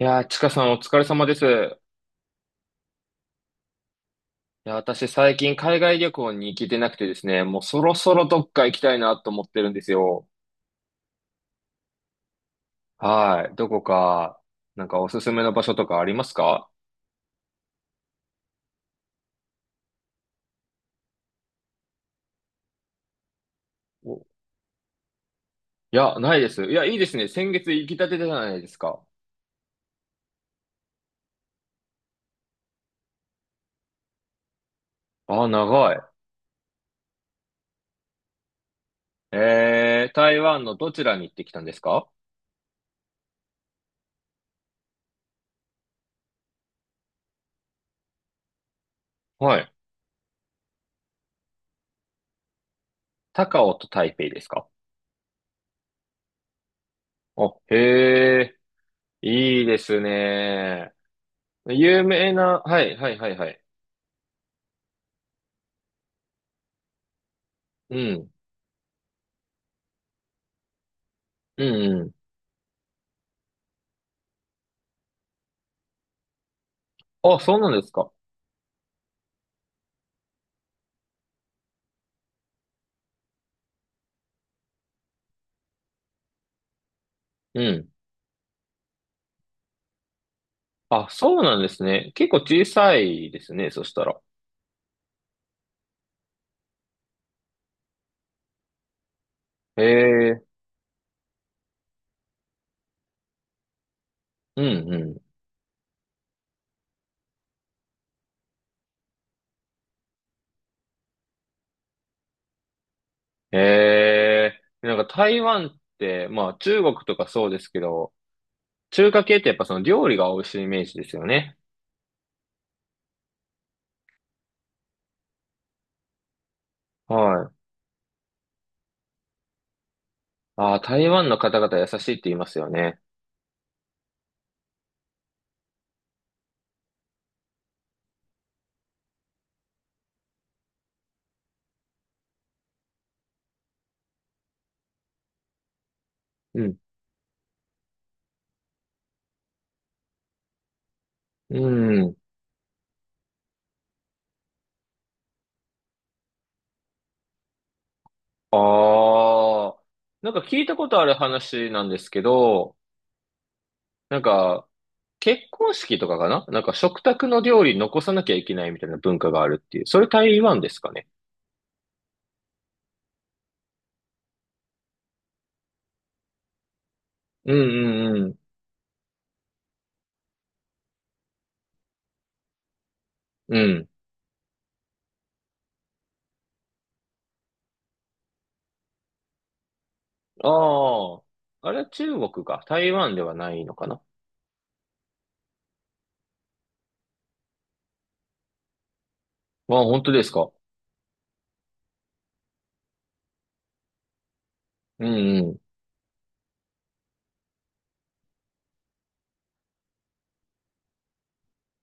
いやー、ちかさんお疲れ様です。いや、私最近海外旅行に行けてなくてですね、もうそろそろどっか行きたいなと思ってるんですよ。はい。どこか、なんかおすすめの場所とかありますか？おいや、ないです。いや、いいですね。先月行きたてじゃないですか。あー、長い。台湾のどちらに行ってきたんですか？はい。高雄と台北ですか？お、へえ。いいですね。有名な、はい、はい、はい、はい。うん、うん、うん。あ、そうなんですか。うん。あ、そうなんですね。結構小さいですね、そしたら。へえ、うんうん。へえ、なんか台湾って、まあ中国とかそうですけど、中華系ってやっぱその料理が美味しいイメージですよね。はい。ああ、台湾の方々優しいって言いますよね。うん。うん。ああ、なんか聞いたことある話なんですけど、なんか結婚式とかかななんか食卓の料理残さなきゃいけないみたいな文化があるっていう。それ台湾ですかね？うんうんうん。うん。ああ。あれは中国か。台湾ではないのかな。あ、本当ですか？うん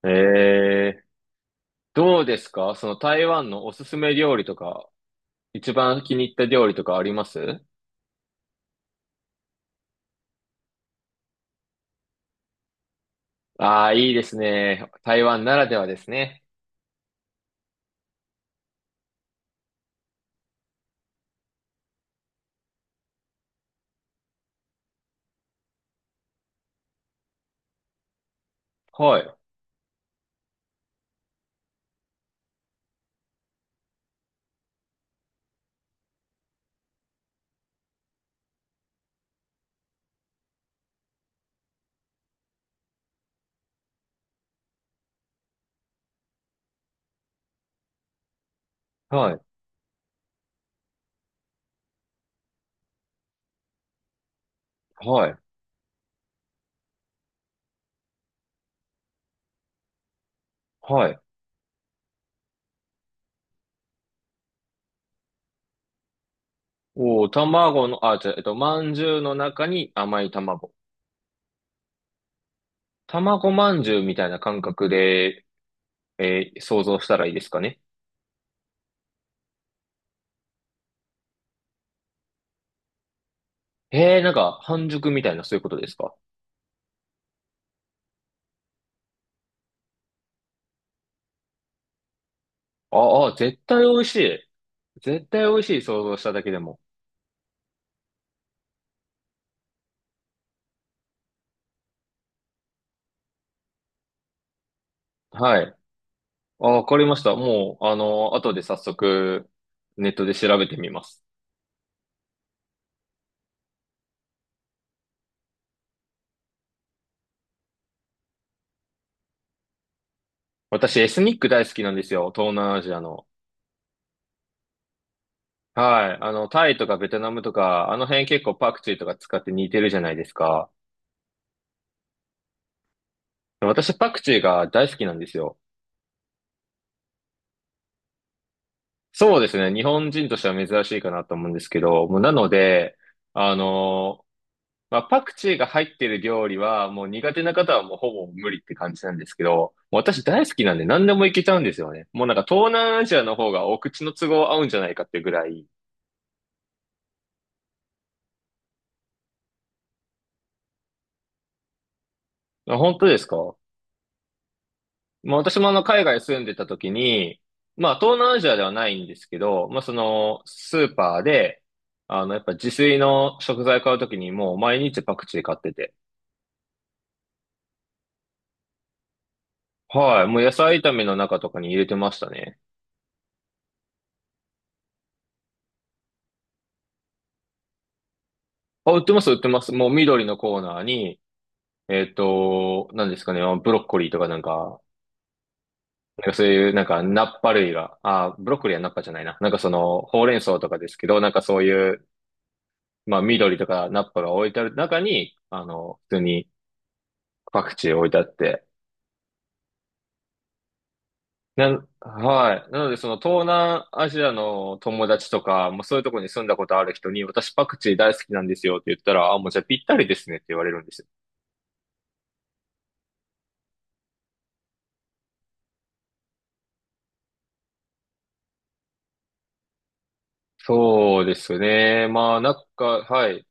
うん。ええ。どうですかその台湾のおすすめ料理とか、一番気に入った料理とかあります？ああー、いいですね。台湾ならではですね。はい。はい。はい。はい。おー、卵の、あ、じゃあ、まんじゅうの中に甘い卵。卵まんじゅうみたいな感覚で、想像したらいいですかね。ええ、なんか、半熟みたいな、そういうことですか？ああ、絶対美味しい。絶対美味しい、想像しただけでも。はい。あ、わかりました。もう、後で早速、ネットで調べてみます。私、エスニック大好きなんですよ。東南アジアの。はい。タイとかベトナムとか、あの辺結構パクチーとか使って似てるじゃないですか。私、パクチーが大好きなんですよ。そうですね。日本人としては珍しいかなと思うんですけど、もうなので、あのまあ、パクチーが入ってる料理は、もう苦手な方はもうほぼ無理って感じなんですけど、もう私大好きなんで何でもいけちゃうんですよね。もうなんか東南アジアの方がお口の都合合うんじゃないかってぐらい。あ、本当ですか？まあ私も海外住んでた時に、まあ東南アジアではないんですけど、まあそのスーパーで、やっぱ自炊の食材買う時にもう毎日パクチー買ってて。はい。もう野菜炒めの中とかに入れてましたね。あ、売ってます、売ってます。もう緑のコーナーに、何ですかね、あ、ブロッコリーとかなんか、なんかそういうなんかナッパ類が、あ、ブロッコリーはナッパじゃないな。なんかその、ほうれん草とかですけど、なんかそういう、まあ緑とかナッパが置いてある中に、普通にパクチー置いてあって。はい。なのでその東南アジアの友達とか、もうそういうところに住んだことある人に、私パクチー大好きなんですよって言ったら、あ、もうじゃあぴったりですねって言われるんですよ。そうですね。まあなんか、はい。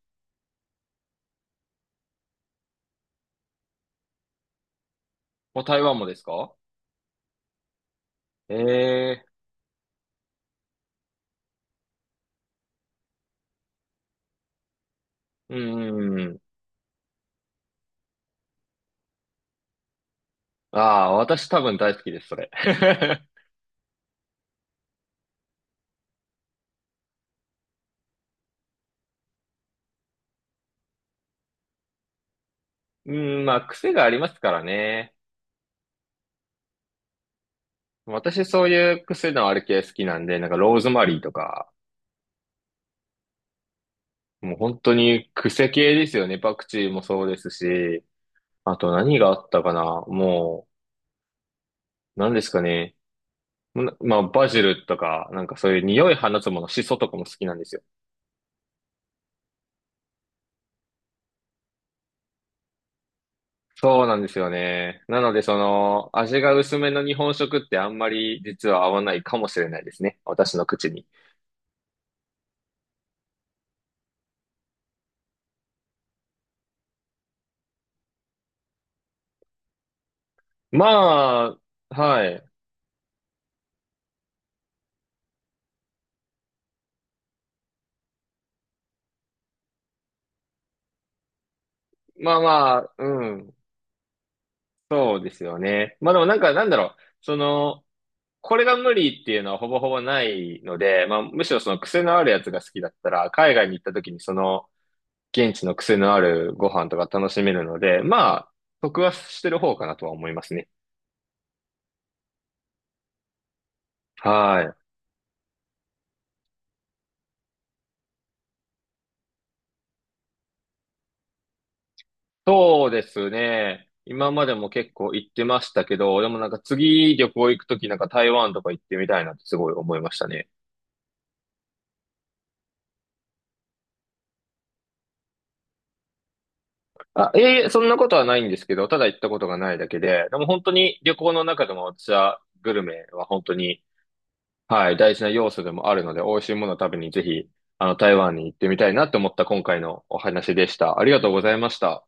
もう台湾もですか？え、うんうんうん。ああ、私多分大好きです、それ。うん、まあ、癖がありますからね。私そういう癖のある系好きなんで、なんかローズマリーとか、もう本当に癖系ですよね。パクチーもそうですし、あと何があったかな。もう、何ですかね。まあ、バジルとか、なんかそういう匂い放つもの、シソとかも好きなんですよ。そうなんですよね。なので、その、味が薄めの日本食ってあんまり実は合わないかもしれないですね。私の口に。まあ、はい。まあまあ、うん。そうですよね。まあでもなんか、なんだろう。その、これが無理っていうのはほぼほぼないので、まあむしろその癖のあるやつが好きだったら、海外に行った時にその、現地の癖のあるご飯とか楽しめるので、まあ、得はしてる方かなとは思いますね。はい。そうですね。今までも結構行ってましたけど、でもなんか次旅行行く時なんか台湾とか行ってみたいなってすごい思いましたね。あ、いえいえ、そんなことはないんですけど、ただ行ったことがないだけで、でも本当に旅行の中でも私はグルメは本当に、はい、大事な要素でもあるので、美味しいものを食べにぜひ、台湾に行ってみたいなと思った今回のお話でした。ありがとうございました。